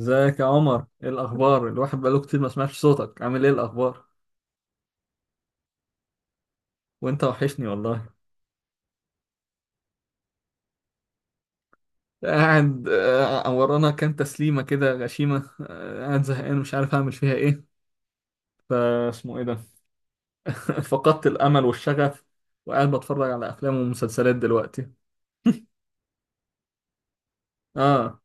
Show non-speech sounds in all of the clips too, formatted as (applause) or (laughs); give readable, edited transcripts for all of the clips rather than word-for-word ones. ازيك يا عمر؟ ايه الاخبار؟ الواحد بقاله كتير ما سمعش صوتك. عامل ايه الاخبار؟ وانت وحشني والله. قاعد. ورانا كام تسليمه كده غشيمه. قاعد زهقان مش عارف اعمل فيها ايه. فاسمه ايه ده؟ (laughs) فقدت الامل والشغف. وقاعد بتفرج على افلام ومسلسلات دلوقتي. اه.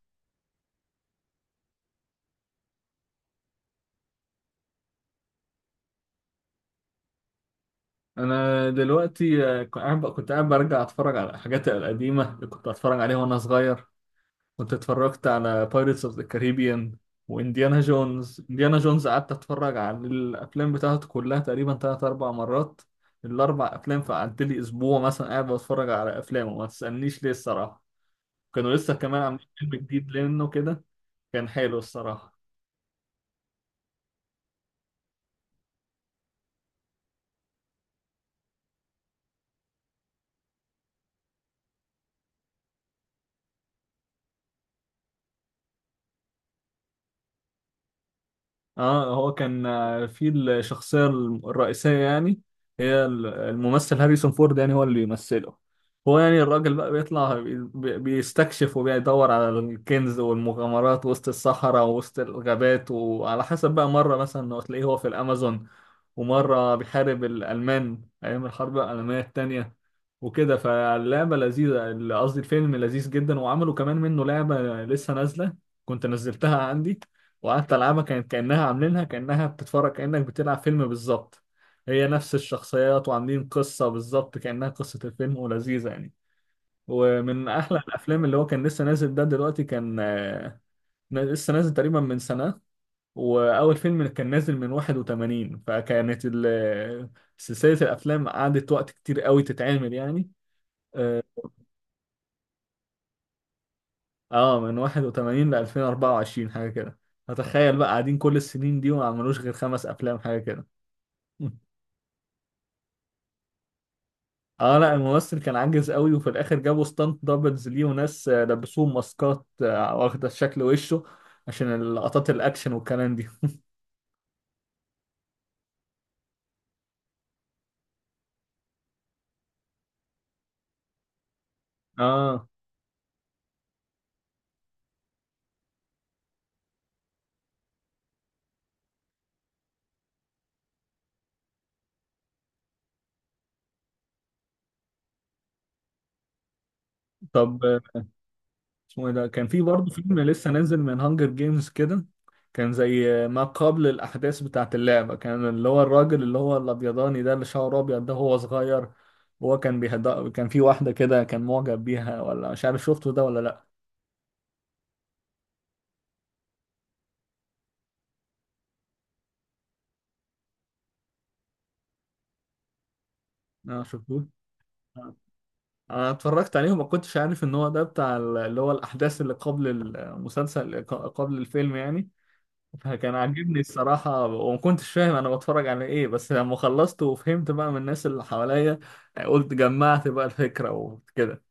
انا دلوقتي، كنت قاعد برجع اتفرج على الحاجات القديمه اللي كنت اتفرج عليها وانا صغير. كنت اتفرجت على بايرتس اوف ذا كاريبيان وانديانا جونز. انديانا جونز قعدت اتفرج على الافلام بتاعته كلها تقريبا تلات اربع مرات، الاربع افلام. فقعدت لي اسبوع مثلا قاعد بتفرج على افلامه، ما تسالنيش ليه الصراحه. كانوا لسه كمان عاملين فيلم جديد لانه كده، كان حلو الصراحه. اه، هو كان، في الشخصية الرئيسية يعني. هي الممثل هاريسون فورد يعني هو اللي بيمثله. هو يعني الراجل بقى بيطلع، بيستكشف وبيدور على الكنز والمغامرات وسط الصحراء ووسط الغابات، وعلى حسب بقى. مرة مثلا هو تلاقيه هو في الأمازون، ومرة بيحارب الألمان أيام الحرب العالمية التانية وكده. فاللعبة لذيذة، قصدي الفيلم لذيذ جدا. وعملوا كمان منه لعبة لسه نازلة، كنت نزلتها عندي وقعدت ألعبها، كانت كأنها عاملينها كأنها بتتفرج، كأنك بتلعب فيلم بالظبط. هي نفس الشخصيات وعاملين قصة بالظبط كأنها قصة الفيلم، ولذيذة يعني، ومن أحلى الأفلام. اللي هو كان لسه نازل ده دلوقتي، كان لسه نازل تقريبا من سنة. واول فيلم كان نازل من 81، فكانت سلسله الافلام قعدت وقت كتير قوي تتعمل يعني. اه، من 81 ل 2024 حاجه كده. فتخيل بقى قاعدين كل السنين دي وما عملوش غير 5 افلام حاجه كده. اه لا، الممثل كان عاجز قوي، وفي الاخر جابوا ستانت دبلز ليه، وناس لبسوه ماسكات واخده شكل وشه عشان لقطات الاكشن والكلام دي. اه. طب اسمه ايه ده؟ كان في برضه فيلم لسه نازل من هانجر جيمز كده، كان زي ما قبل الاحداث بتاعت اللعبه. كان اللي هو الراجل اللي هو الابيضاني ده، اللي شعره ابيض ده، هو صغير. هو كان بيهد، كان في واحده كده كان معجب بيها، ولا مش عارف. شفته ده ولا لا؟ اه شفتوه. آه. انا اتفرجت عليه وما كنتش عارف ان هو ده بتاع اللي هو الاحداث اللي قبل المسلسل، قبل الفيلم يعني. فكان عاجبني الصراحة، وما كنتش فاهم أنا بتفرج على إيه، بس لما خلصت وفهمت بقى من الناس اللي حواليا، قلت جمعت بقى الفكرة وكده.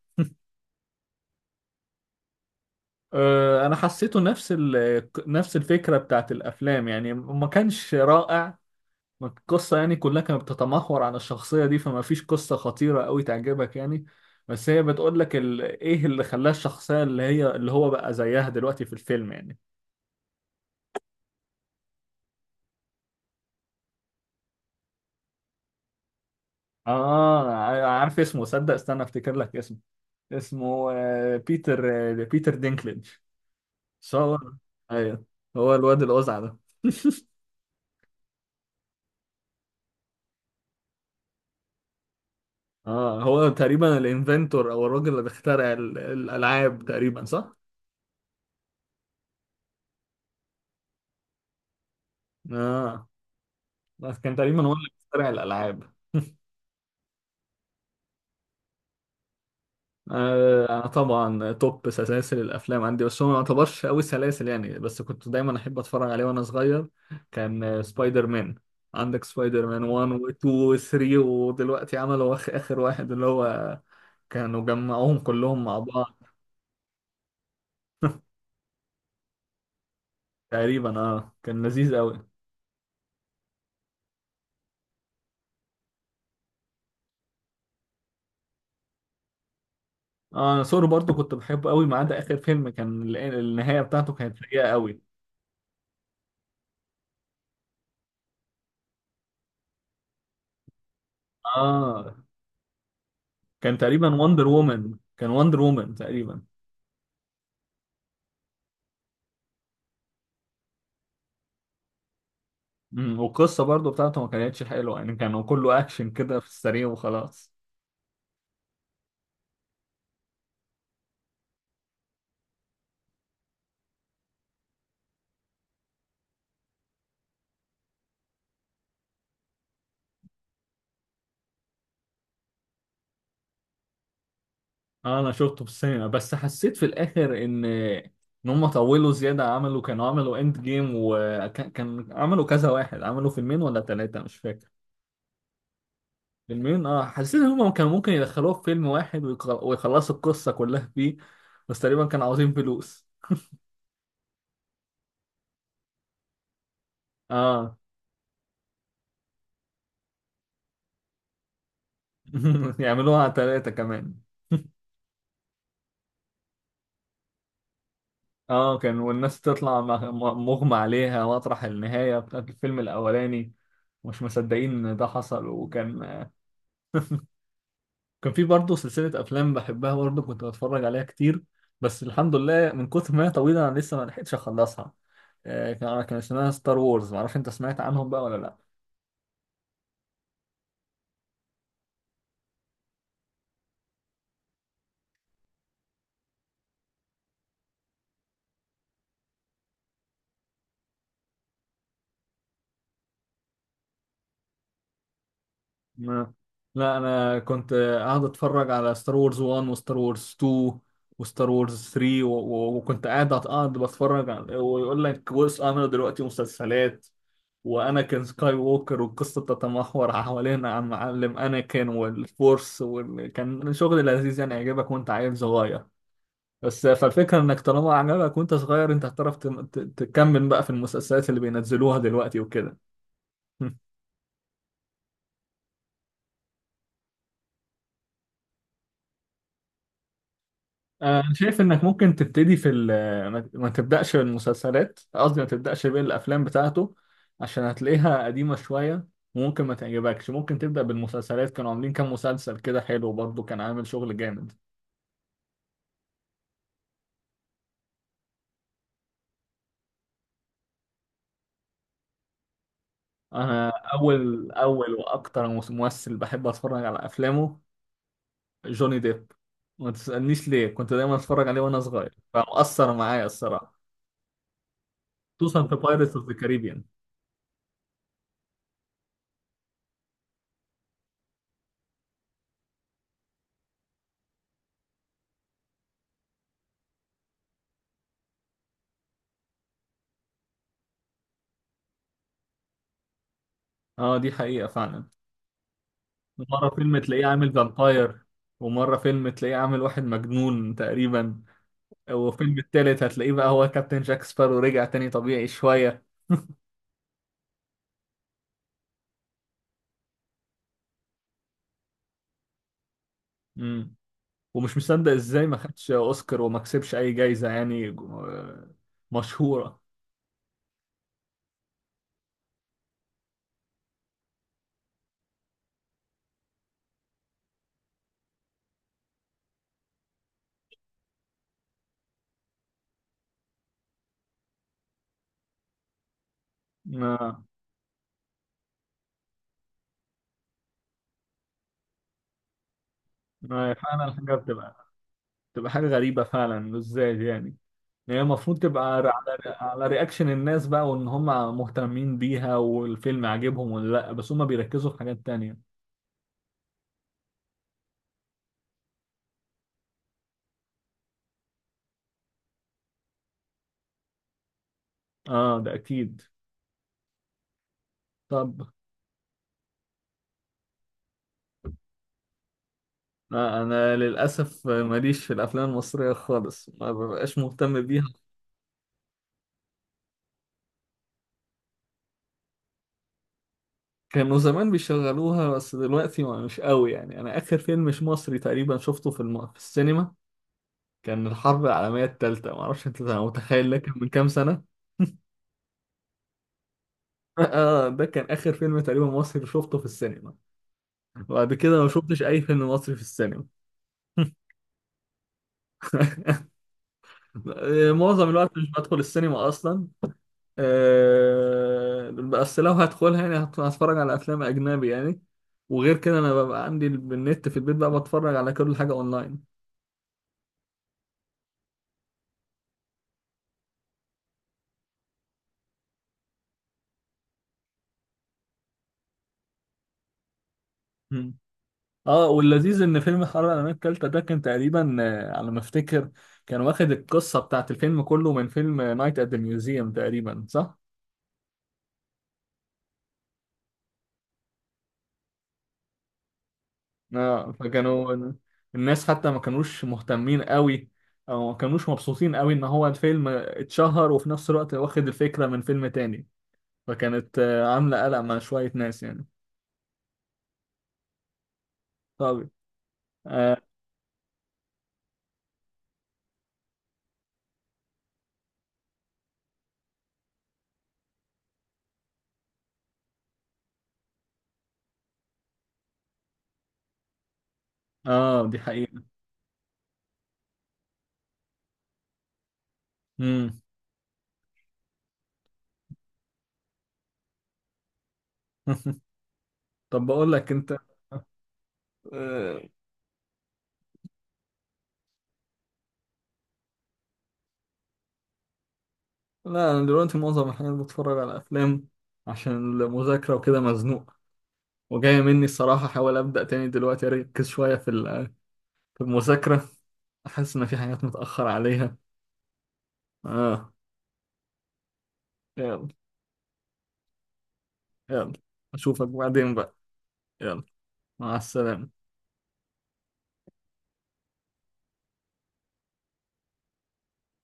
أنا حسيته نفس نفس الفكرة بتاعت الأفلام يعني، ما كانش رائع. القصة يعني كلها كانت بتتمحور على الشخصية دي، فما فيش قصة خطيرة أوي تعجبك يعني. بس هي بتقول لك، إيه اللي خلاها الشخصية اللي هي اللي هو بقى زيها دلوقتي في الفيلم يعني. آه، عارف اسمه. صدق، استنى أفتكر لك اسمه. اسمه بيتر. بيتر دينكليج. صور. ايوه، هو الواد الأزعة ده. (laughs) اه، هو تقريبا الانفنتور او الراجل اللي بيخترع الالعاب تقريبا، صح؟ اه، بس كان تقريبا هو اللي بيخترع الالعاب. آه، انا طبعا توب سلاسل الافلام عندي، بس هو ما يعتبرش قوي سلاسل يعني، بس كنت دايما احب اتفرج عليه وانا صغير. كان سبايدر مان. عندك سبايدر مان 1 و2 و3، ودلوقتي عملوا اخر واحد، اللي هو كانوا جمعوهم كلهم مع بعض تقريبا. اه كان لذيذ قوي. اه انا سوري برضو كنت بحبه قوي، ما عدا اخر فيلم كان النهايه بتاعته كانت سيئه قوي. اه، كان تقريبا وندر وومن، تقريبا. والقصه برضو بتاعته ما كانتش حلوه يعني، كانوا كله اكشن كده في السريع وخلاص. اه انا شفته في السينما، بس حسيت في الاخر ان هم طولوا زياده. كانوا عملوا اند جيم، وكان عملوا كذا واحد. عملوا فيلمين ولا ثلاثه مش فاكر. فيلمين. اه، حسيت ان هم كانوا ممكن يدخلوه في فيلم واحد ويخلصوا القصة كلها فيه، بس تقريبا كانوا عاوزين فلوس. اه. (laughs) يعملوها على ثلاثة كمان. (laughs) اه، كان والناس تطلع مغمى عليها مطرح النهاية بتاعت الفيلم الأولاني، مش مصدقين إن ده حصل. وكان، في برضه سلسلة أفلام بحبها برضه، كنت بتفرج عليها كتير، بس الحمد لله من كتر ما هي طويلة أنا لسه ما لحقتش أخلصها. كان اسمها ستار وورز. معرفش أنت سمعت عنهم بقى ولا لأ. ما لا، انا كنت قاعد اتفرج على ستار وورز 1 وستار وورز 2 وستار وورز 3 وكنت قاعد بتفرج على... ويقول لك بص، انا دلوقتي مسلسلات. وانا كان سكاي ووكر، والقصه تتمحور حوالين عن معلم اناكين والفورس، وكان شغل لذيذ يعني يعجبك وانت عيل صغير. بس فالفكره انك طالما عجبك وانت صغير، انت هتعرف تكمل بقى في المسلسلات اللي بينزلوها دلوقتي وكده. (laughs) أنا شايف إنك ممكن تبتدي في ال. ما تبدأش بالمسلسلات، قصدي ما تبدأش بالأفلام بتاعته عشان هتلاقيها قديمة شوية وممكن ما تعجبكش. ممكن تبدأ بالمسلسلات، كانوا عاملين كام مسلسل كده حلو برضه، كان عامل شغل جامد. أنا أول وأكتر ممثل بحب أتفرج على أفلامه، جوني ديب. ما تسألنيش ليه، كنت دايما أتفرج عليه وأنا صغير فمؤثر معايا الصراحة، خصوصا في بايرتس أوف ذا كاريبيان. اه، دي حقيقة فعلا. مرة فيلم تلاقيه عامل فامباير، ومرة فيلم تلاقيه عامل واحد مجنون تقريبا، وفيلم التالت هتلاقيه بقى هو كابتن جاك سبارو رجع تاني طبيعي شوية. مم. ومش مصدق ازاي ما خدش اوسكار وما كسبش اي جايزة يعني، مشهورة. ما ما فعلا حاجة بتبقى حاجة غريبة فعلا، ازاي يعني. يعني هي المفروض تبقى على رياكشن الناس بقى، وان هم مهتمين بيها والفيلم عاجبهم ولا لا، بس هم بيركزوا في حاجات تانية. اه ده اكيد. طب. لا، انا للاسف ماليش في الافلام المصريه خالص، ما ببقاش مهتم بيها. كانوا زمان بيشغلوها بس دلوقتي ما مش قوي يعني. انا اخر فيلم مش مصري تقريبا شفته في في السينما كان الحرب العالميه الثالثه. ما اعرفش انت متخيل، ده كان من كام سنه. (laughs) اه ده كان اخر فيلم تقريبا مصري شفته في السينما. بعد كده ما شفتش اي فيلم مصري في السينما. (laughs) معظم الوقت مش بدخل السينما اصلا. بس لو هدخلها يعني هتفرج على افلام اجنبي يعني. وغير كده انا ببقى عندي النت في البيت بقى، بتفرج على كل حاجه اونلاين. مم. اه، واللذيذ ان فيلم حرب العالميه الثالثه ده كان تقريبا، على ما افتكر، كان واخد القصه بتاعت الفيلم كله من فيلم نايت ات ذا ميوزيوم تقريبا، صح؟ اه فكانوا الناس حتى ما كانوش مهتمين قوي، او ما كانوش مبسوطين قوي ان هو الفيلم اتشهر وفي نفس الوقت واخد الفكره من فيلم تاني. فكانت عاملة قلق مع شوية ناس يعني. طب. اه. آه، دي حقيقة. مم. (laughs) طب بقول لك انت. آه لا، انا دلوقتي معظم الحاجات بتفرج على افلام، عشان المذاكرة وكده مزنوق. وجاية مني الصراحة احاول ابدأ تاني دلوقتي اركز شوية في في المذاكرة. احس ان في حاجات متأخر عليها. اه. يلا. يلا، اشوفك بعدين بقى. يلا، مع السلامة.